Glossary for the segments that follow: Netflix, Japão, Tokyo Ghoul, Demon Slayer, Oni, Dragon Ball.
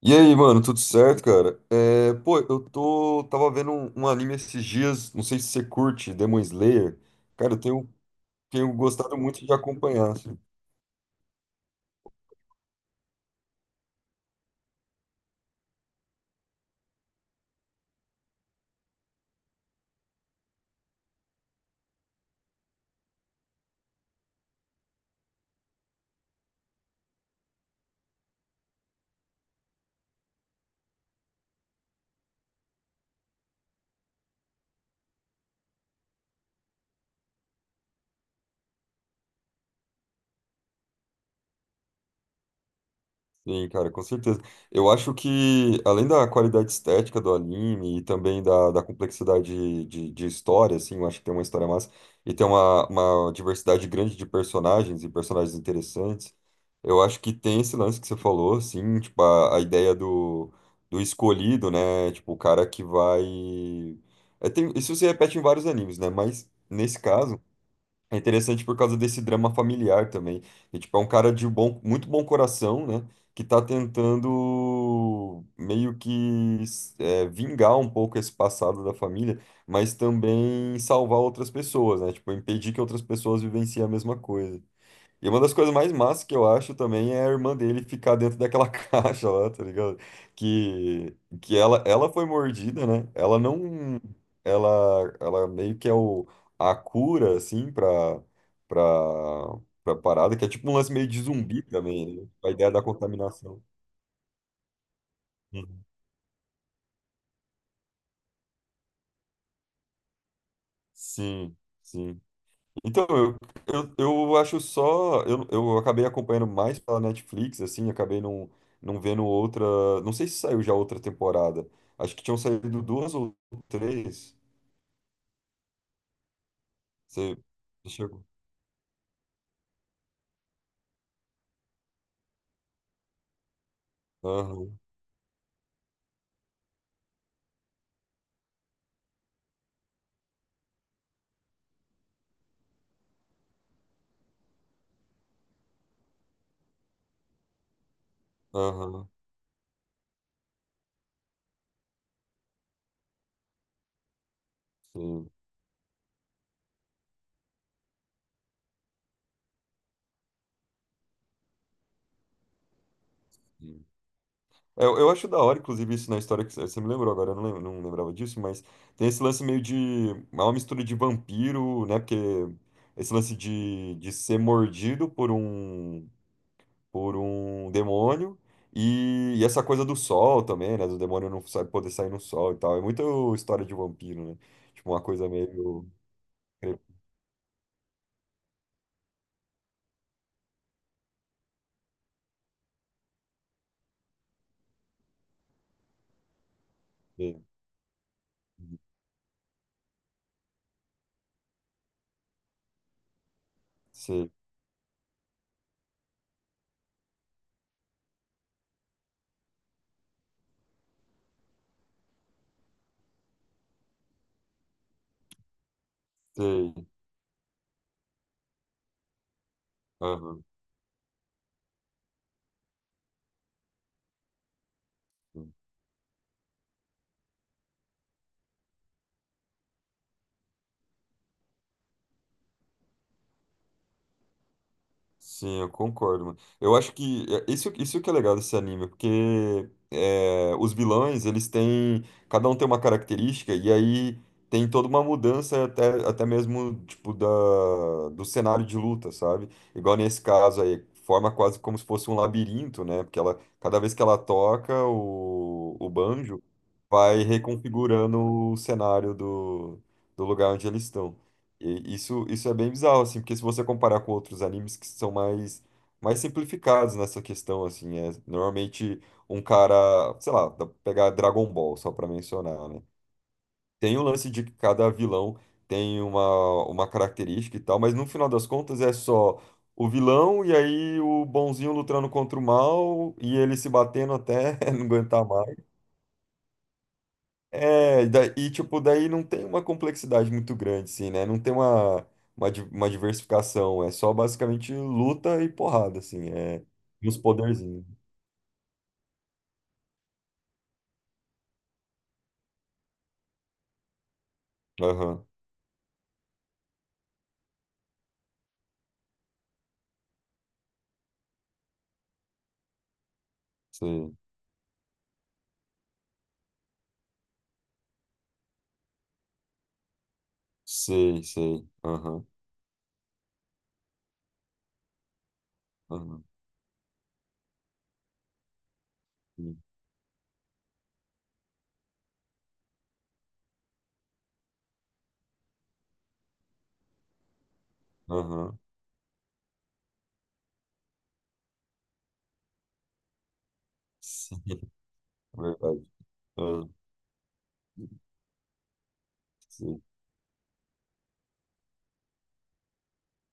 E aí, mano, tudo certo, cara? Tava vendo um anime esses dias, não sei se você curte, Demon Slayer. Cara, tenho gostado muito de acompanhar assim. Sim, cara, com certeza. Eu acho que, além da qualidade estética do anime e também da complexidade de história, assim, eu acho que tem uma história massa e tem uma diversidade grande de personagens e personagens interessantes. Eu acho que tem esse lance que você falou, assim, tipo, a ideia do, do escolhido, né? Tipo, o cara que vai. É, tem, isso se repete em vários animes, né? Mas, nesse caso. É interessante por causa desse drama familiar também. E, tipo, é um cara de muito bom coração, né? Que tá tentando meio que vingar um pouco esse passado da família, mas também salvar outras pessoas, né? Tipo, impedir que outras pessoas vivenciem a mesma coisa. E uma das coisas mais massas que eu acho também é a irmã dele ficar dentro daquela caixa lá, tá ligado? Que, que ela foi mordida, né? Ela não. Ela, ela meio que é o, a cura, assim, pra, pra parada, que é tipo um lance meio de zumbi também, né? A ideia da contaminação. Uhum. Sim, sim. Então, eu acho só. Eu acabei acompanhando mais pela Netflix, assim, acabei não vendo outra. Não sei se saiu já outra temporada. Acho que tinham saído duas ou três. Você chegou. Aham, aham, sim, sim. É, eu acho da hora, inclusive, isso na história que você me lembrou agora, eu não, não lembrava disso, mas tem esse lance meio de. É uma mistura de vampiro, né? Porque esse lance de ser mordido por um. Por um demônio. E essa coisa do sol também, né? Do demônio não sabe poder sair no sol e tal. É muito história de vampiro, né? Tipo, uma coisa meio. Sei, sei. Aham. Sim, eu concordo, mano. Eu acho que é, isso que é legal desse anime, porque é, os vilões, eles têm. Cada um tem uma característica, e aí tem toda uma mudança até mesmo, tipo, da, do cenário de luta, sabe? Igual nesse caso aí, forma quase como se fosse um labirinto, né? Porque ela, cada vez que ela toca o banjo, vai reconfigurando o cenário do, do lugar onde eles estão. E isso é bem bizarro, assim, porque se você comparar com outros animes que são mais simplificados nessa questão, assim, é normalmente um cara, sei lá, dá pra pegar Dragon Ball, só pra mencionar, né? Tem o lance de que cada vilão tem uma característica e tal, mas no final das contas é só o vilão e aí o bonzinho lutando contra o mal e ele se batendo até não aguentar mais. É, e, tipo, daí não tem uma complexidade muito grande, assim, né? Não tem uma, uma diversificação, é só basicamente luta e porrada, assim, é e os poderzinhos. Aham, sei, sei, sei, aham, aham, sim, aham, sim, verdade. Aham, sim.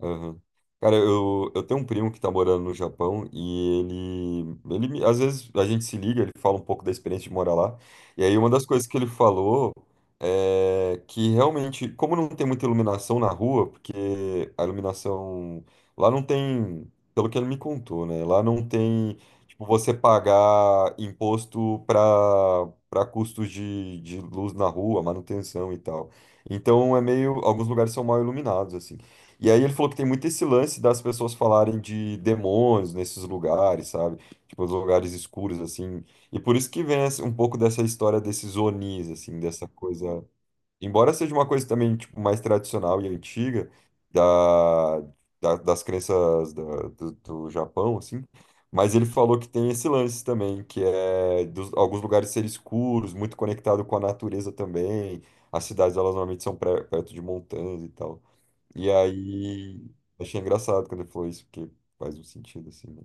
Aham. Cara, eu tenho um primo que tá morando no Japão e ele às vezes a gente se liga, ele fala um pouco da experiência de morar lá. E aí uma das coisas que ele falou é que realmente, como não tem muita iluminação na rua, porque a iluminação lá não tem, pelo que ele me contou, né? Lá não tem, tipo, você pagar imposto para custos de luz na rua, manutenção e tal. Então é meio, alguns lugares são mal iluminados assim. E aí ele falou que tem muito esse lance das pessoas falarem de demônios nesses lugares, sabe? Tipo, os lugares escuros, assim. E por isso que vem um pouco dessa história desses Onis, assim, dessa coisa. Embora seja uma coisa também, tipo, mais tradicional e antiga da, das crenças do, do Japão, assim. Mas ele falou que tem esse lance também, que é dos, alguns lugares serem escuros, muito conectado com a natureza também. As cidades, elas normalmente são perto de montanhas e tal. E aí, achei engraçado quando ele falou isso, porque faz um sentido assim, né?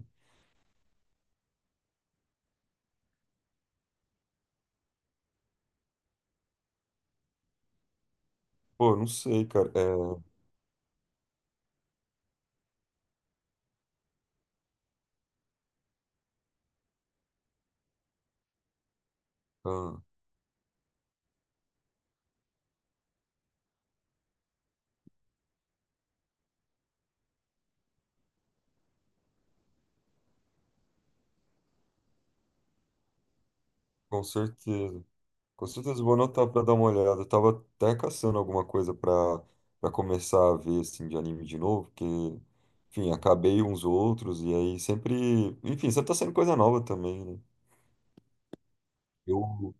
Pô, não sei, cara. É, ah, com certeza. Com certeza vou anotar pra dar uma olhada. Eu tava até caçando alguma coisa pra, pra começar a ver, assim, de anime de novo, porque, enfim, acabei uns outros, e aí sempre. Enfim, sempre tá saindo coisa nova também, né? Eu.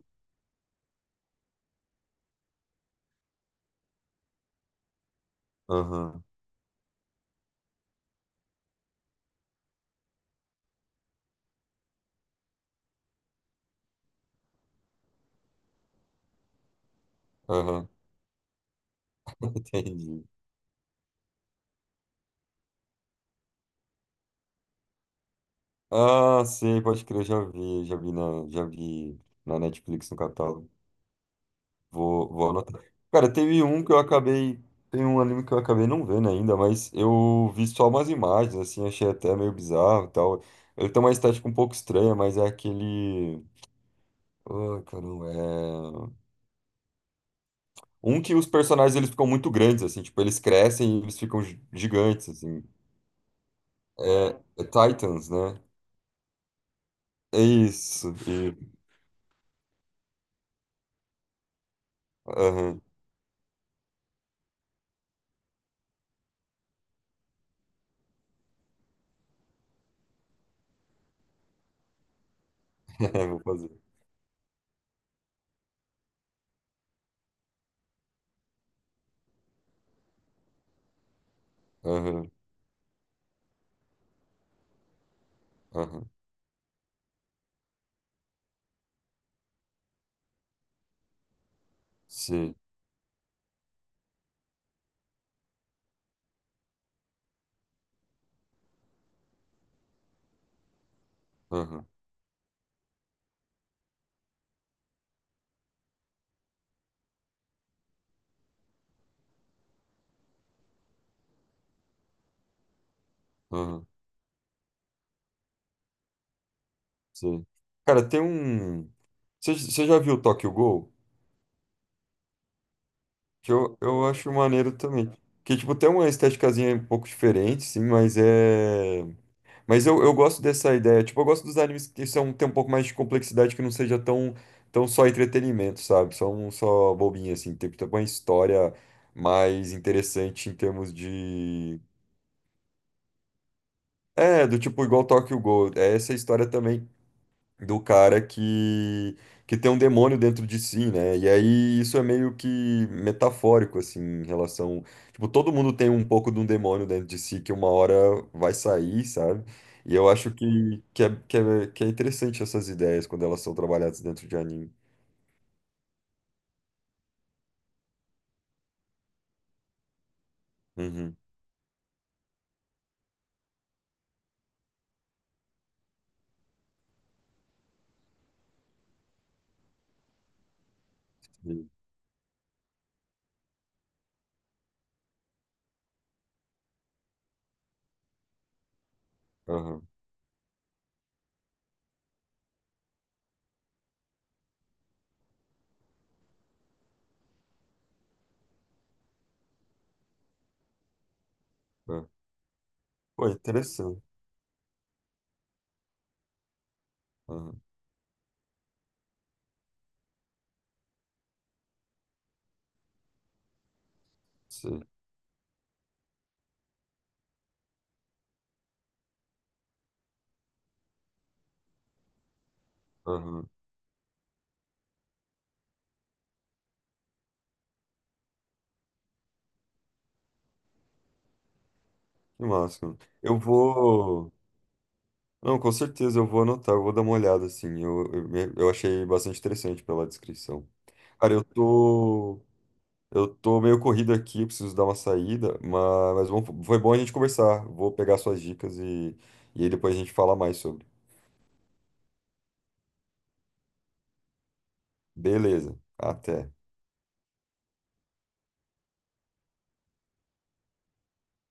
Aham, aham, entendi. Ah, sei, pode crer, já vi na Netflix no catálogo. Vou, vou anotar. Cara, teve um que eu acabei. Tem um anime que eu acabei não vendo ainda, mas eu vi só umas imagens, assim, achei até meio bizarro e tal. Ele tem uma estética um pouco estranha, mas é aquele. Ai, caramba, é. Um que os personagens eles ficam muito grandes, assim, tipo, eles crescem e eles ficam gigantes, assim. É, é Titans, né? É isso. E... Aham, vou fazer. Aham, aham. Sim. Aham, aham. Sim. Cara, tem um. Você já viu o Tokyo Ghoul? Que eu acho maneiro também. Que, tipo, tem uma esteticazinha um pouco diferente, sim, mas é. Mas eu gosto dessa ideia. Tipo, eu gosto dos animes que são, tem um pouco mais de complexidade, que não seja tão, tão só entretenimento, sabe? Só um só bobinho, assim. Tem, tem uma história mais interessante em termos de. É, do tipo, igual Tokyo Ghoul. É essa história também do cara que tem um demônio dentro de si, né? E aí isso é meio que metafórico assim em relação, tipo, todo mundo tem um pouco de um demônio dentro de si que uma hora vai sair, sabe? E eu acho que que é interessante essas ideias quando elas são trabalhadas dentro de anime. Uhum. Sim. Aham. É. Pô, interessante. Aham. Sim. Aham. Que massa, mano. Eu vou. Não, com certeza eu vou anotar, eu vou dar uma olhada, assim. Eu achei bastante interessante pela descrição. Cara, eu tô meio corrido aqui, preciso dar uma saída, mas, foi bom a gente conversar. Vou pegar suas dicas e aí depois a gente fala mais sobre. Beleza, até.